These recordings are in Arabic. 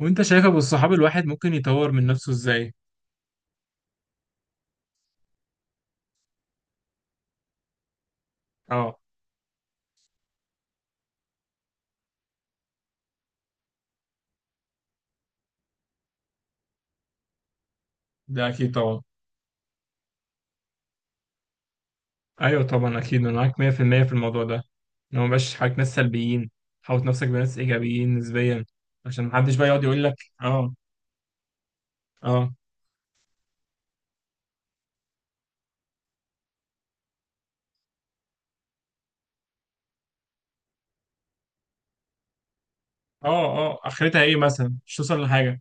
وانت شايف ابو الصحاب الواحد ممكن يطور من نفسه ازاي؟ اه، ده اكيد طبعا. ايوه طبعا، اكيد انا معاك 100% في المية في الموضوع ده، ان هو مبقاش حواليك ناس سلبيين. حوط نفسك بناس ايجابيين نسبيا، عشان محدش بقى يقعد يقول لك. اه، اه، اه، اه، اخرتها ايه مثلا؟ مش توصل لحاجه.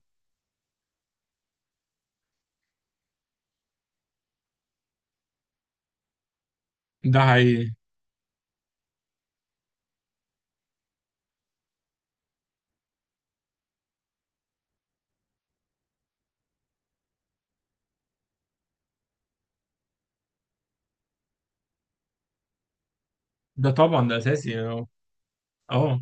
ده حقيقي. ده طبعا ده اساسي يعني. اه، اه،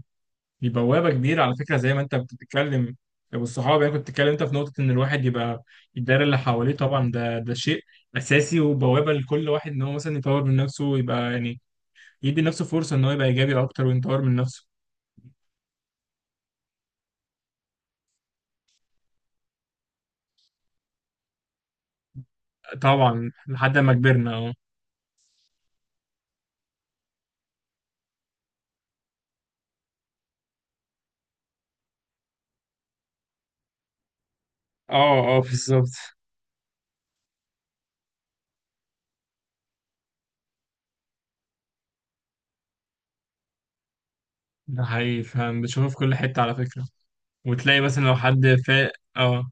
دي بوابة كبيرة على فكرة زي ما انت بتتكلم. والصحاب، يعني كنت بتتكلم انت في نقطة ان الواحد يبقى الدايرة اللي حواليه طبعا، ده شيء اساسي وبوابة لكل واحد ان هو مثلا يطور من نفسه ويبقى يعني يدي لنفسه فرصة ان هو يبقى ايجابي اكتر ويطور من نفسه. طبعا لحد ما كبرنا. اه، اه، اه، بالظبط. ده حقيقي، فاهم بتشوفه في كل حتة على فكرة. وتلاقي مثلا لو حد اه.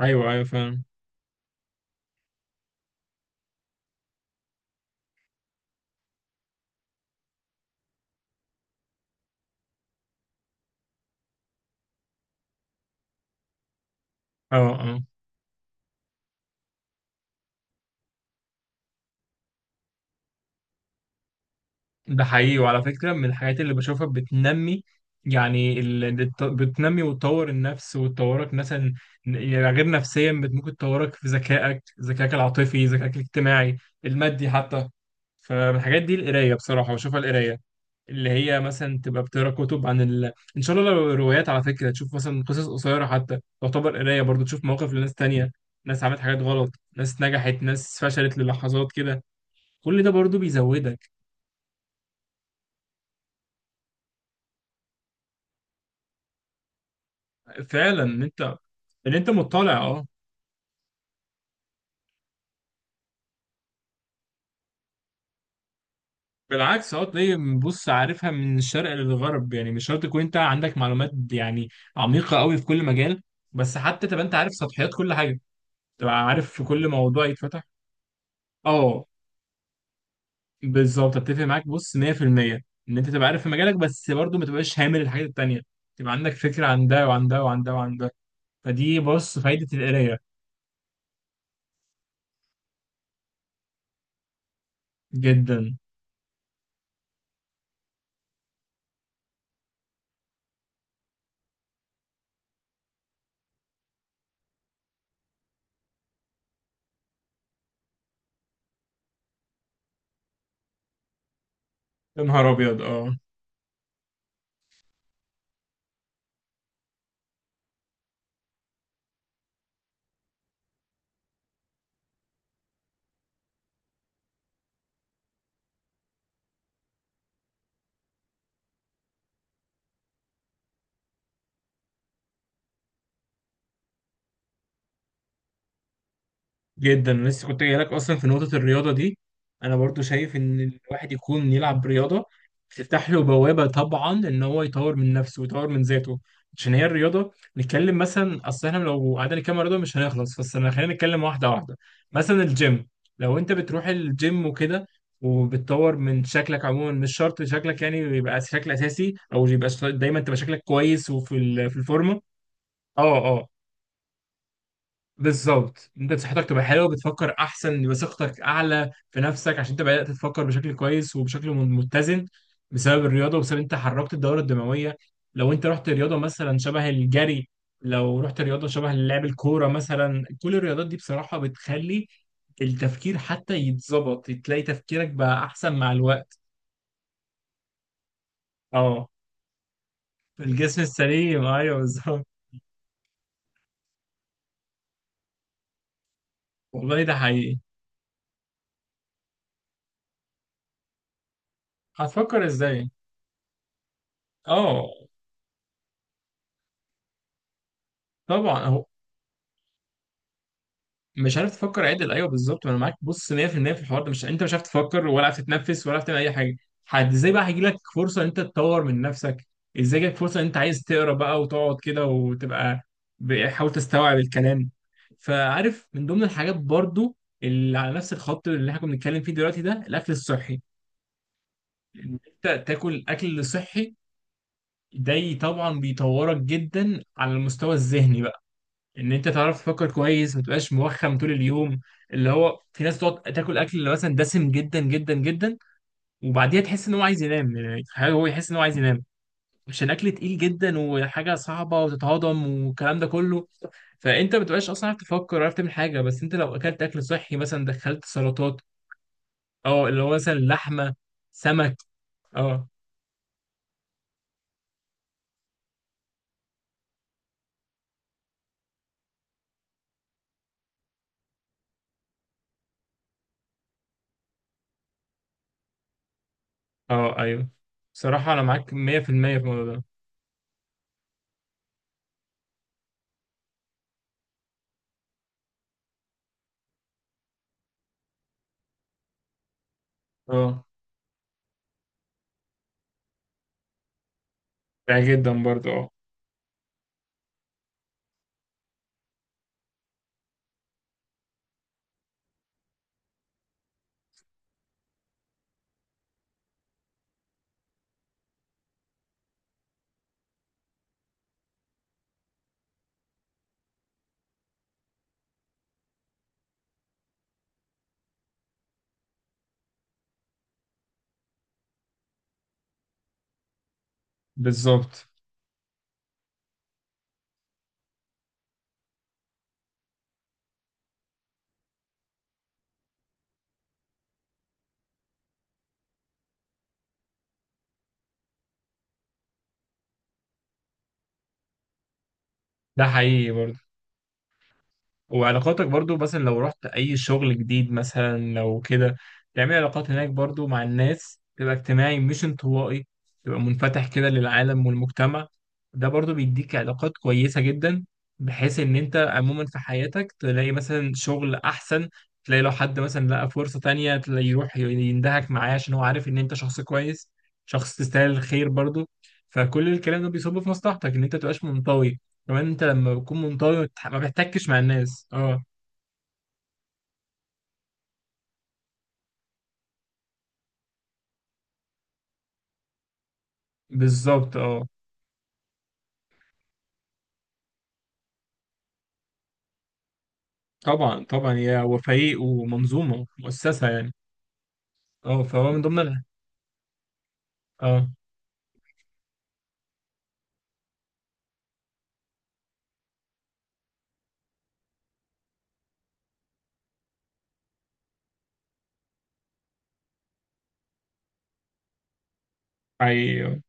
ايوه، ايوه، فاهم. اه، اه، ده حقيقي. وعلى فكرة، من الحاجات اللي بشوفها بتنمي، يعني بتنمي وتطور النفس وتطورك مثلا، يعني غير نفسيا، ممكن تطورك في ذكائك العاطفي، ذكائك الاجتماعي، المادي حتى. فمن الحاجات دي القراية، بصراحة بشوفها القراية، اللي هي مثلا تبقى بتقرا كتب عن إن شاء الله لو روايات. على فكرة تشوف مثلا قصص قصيرة، حتى تعتبر قراية برضو، تشوف مواقف لناس تانية، ناس عملت حاجات غلط، ناس نجحت، ناس فشلت للحظات كده، كل ده برضو بيزودك. فعلا ان انت مطلع. اه، بالعكس، اه تلاقي بص عارفها من الشرق للغرب، يعني مش شرط تكون انت عندك معلومات يعني عميقه قوي في كل مجال، بس حتى تبقى انت عارف سطحيات كل حاجه، تبقى عارف في كل موضوع يتفتح. اه، بالظبط، اتفق معاك بص 100%. ان انت تبقى عارف في مجالك بس برضه ما تبقاش هامل الحاجات التانيه، تبقى عندك فكره عن ده وعن ده وعن ده وعن ده. فدي بص فايده القرايه. جدا. يا نهار ابيض، اه، جدا. أنا لسه كنت جاي لك اصلا في نقطه الرياضه دي. انا برضو شايف ان الواحد يكون يلعب رياضه، بتفتح له بوابه طبعا ان هو يطور من نفسه ويطور من ذاته. عشان هي الرياضه، نتكلم مثلا، اصل احنا لو قعدنا نتكلم عن رياضه مش هنخلص، بس انا خلينا نتكلم واحده واحده. مثلا الجيم، لو انت بتروح الجيم وكده، وبتطور من شكلك عموما، مش شرط شكلك يعني يبقى شكل اساسي، او يبقى دايما تبقى شكلك كويس وفي في الفورمه. اه، آه، بالظبط، انت صحتك تبقى حلوه، بتفكر احسن، يبقى ثقتك اعلى في نفسك، عشان انت بدات تفكر بشكل كويس وبشكل متزن، بسبب الرياضه وبسبب انت حركت الدوره الدمويه. لو انت رحت رياضه مثلا شبه الجري، لو رحت رياضه شبه لعب الكوره مثلا، كل الرياضات دي بصراحه بتخلي التفكير حتى يتظبط، تلاقي تفكيرك بقى احسن مع الوقت. اه، الجسم السليم، ايوه بالظبط. والله ده حقيقي. هتفكر ازاي؟ اه، طبعا. مش عارف تفكر عدل، ايوه بالظبط، ما انا معاك بص 100% في المية في الحوار ده. مش انت مش عارف تفكر ولا عارف تتنفس ولا عارف تعمل اي حاجه، حد ازاي بقى هيجي لك فرصه ان انت تطور من نفسك؟ ازاي جالك فرصه ان انت عايز تقرا بقى وتقعد كده وتبقى بتحاول تستوعب الكلام؟ فعارف، من ضمن الحاجات برضو اللي على نفس الخط اللي احنا كنا بنتكلم فيه دلوقتي ده الاكل الصحي. ان انت تاكل اكل صحي، ده طبعا بيطورك جدا على المستوى الذهني، ان انت تعرف تفكر كويس، ما تبقاش موخم طول اليوم. اللي هو في ناس تقعد تاكل اكل اللي مثلا دسم جدا جدا جدا، وبعديها تحس ان هو عايز ينام، يعني حاجة هو يحس ان هو عايز ينام عشان اكل تقيل جدا وحاجه صعبه وتتهضم والكلام ده كله، فانت ما بتبقاش اصلا عارف تفكر، عارف تعمل حاجه. بس انت لو اكلت اكل صحي مثلا دخلت سلطات، اه، اللي هو مثلا لحمه، سمك. اه، اه، ايوه، بصراحه انا معاك 100% في المية في الموضوع ده. اه، ده جدا برضه. اه، بالظبط. ده حقيقي برضه. وعلاقاتك برضو، مثلا لو رحت أي شغل جديد مثلا لو كده، تعمل علاقات هناك برضو مع الناس، تبقى اجتماعي مش انطوائي، تبقى منفتح كده للعالم والمجتمع. ده برضو بيديك علاقات كويسة جدا، بحيث إن أنت عموما في حياتك تلاقي مثلا شغل أحسن، تلاقي لو حد مثلا لقى فرصة تانية تلاقي يروح يندهك معاه، عشان هو عارف إن أنت شخص كويس، شخص تستاهل الخير برضو. فكل الكلام ده بيصب في مصلحتك إن أنت تبقاش منطوي. كمان انت لما بتكون منطوي ما بتحتكش مع الناس. اه، بالظبط. اه، طبعا طبعا، يا هو فريق ومنظومه مؤسسه يعني. اه، فهو من ضمن اه، حقيقي،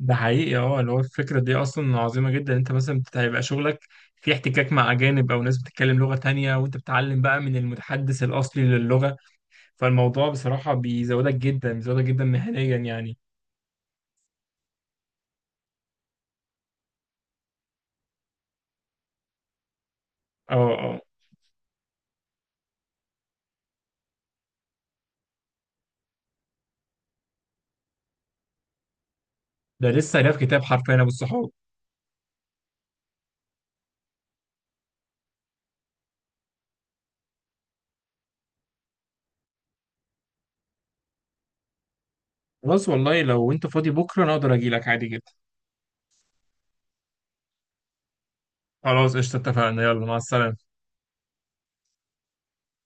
ده حقيقي. اه، اللي هو الفكره دي اصلا عظيمه جدا، انت مثلا هيبقى شغلك في احتكاك مع اجانب او ناس بتتكلم لغه تانية، وانت بتتعلم بقى من المتحدث الاصلي للغه. فالموضوع بصراحه بيزودك جدا، بيزودك جدا مهنيا يعني. اه، اه، ده لسه قاري في كتاب حرفيا ابو الصحاب. خلاص والله، لو انت فاضي بكره انا اقدر اجي لك عادي جدا. خلاص قشطة، اتفقنا. يلا، مع السلامة.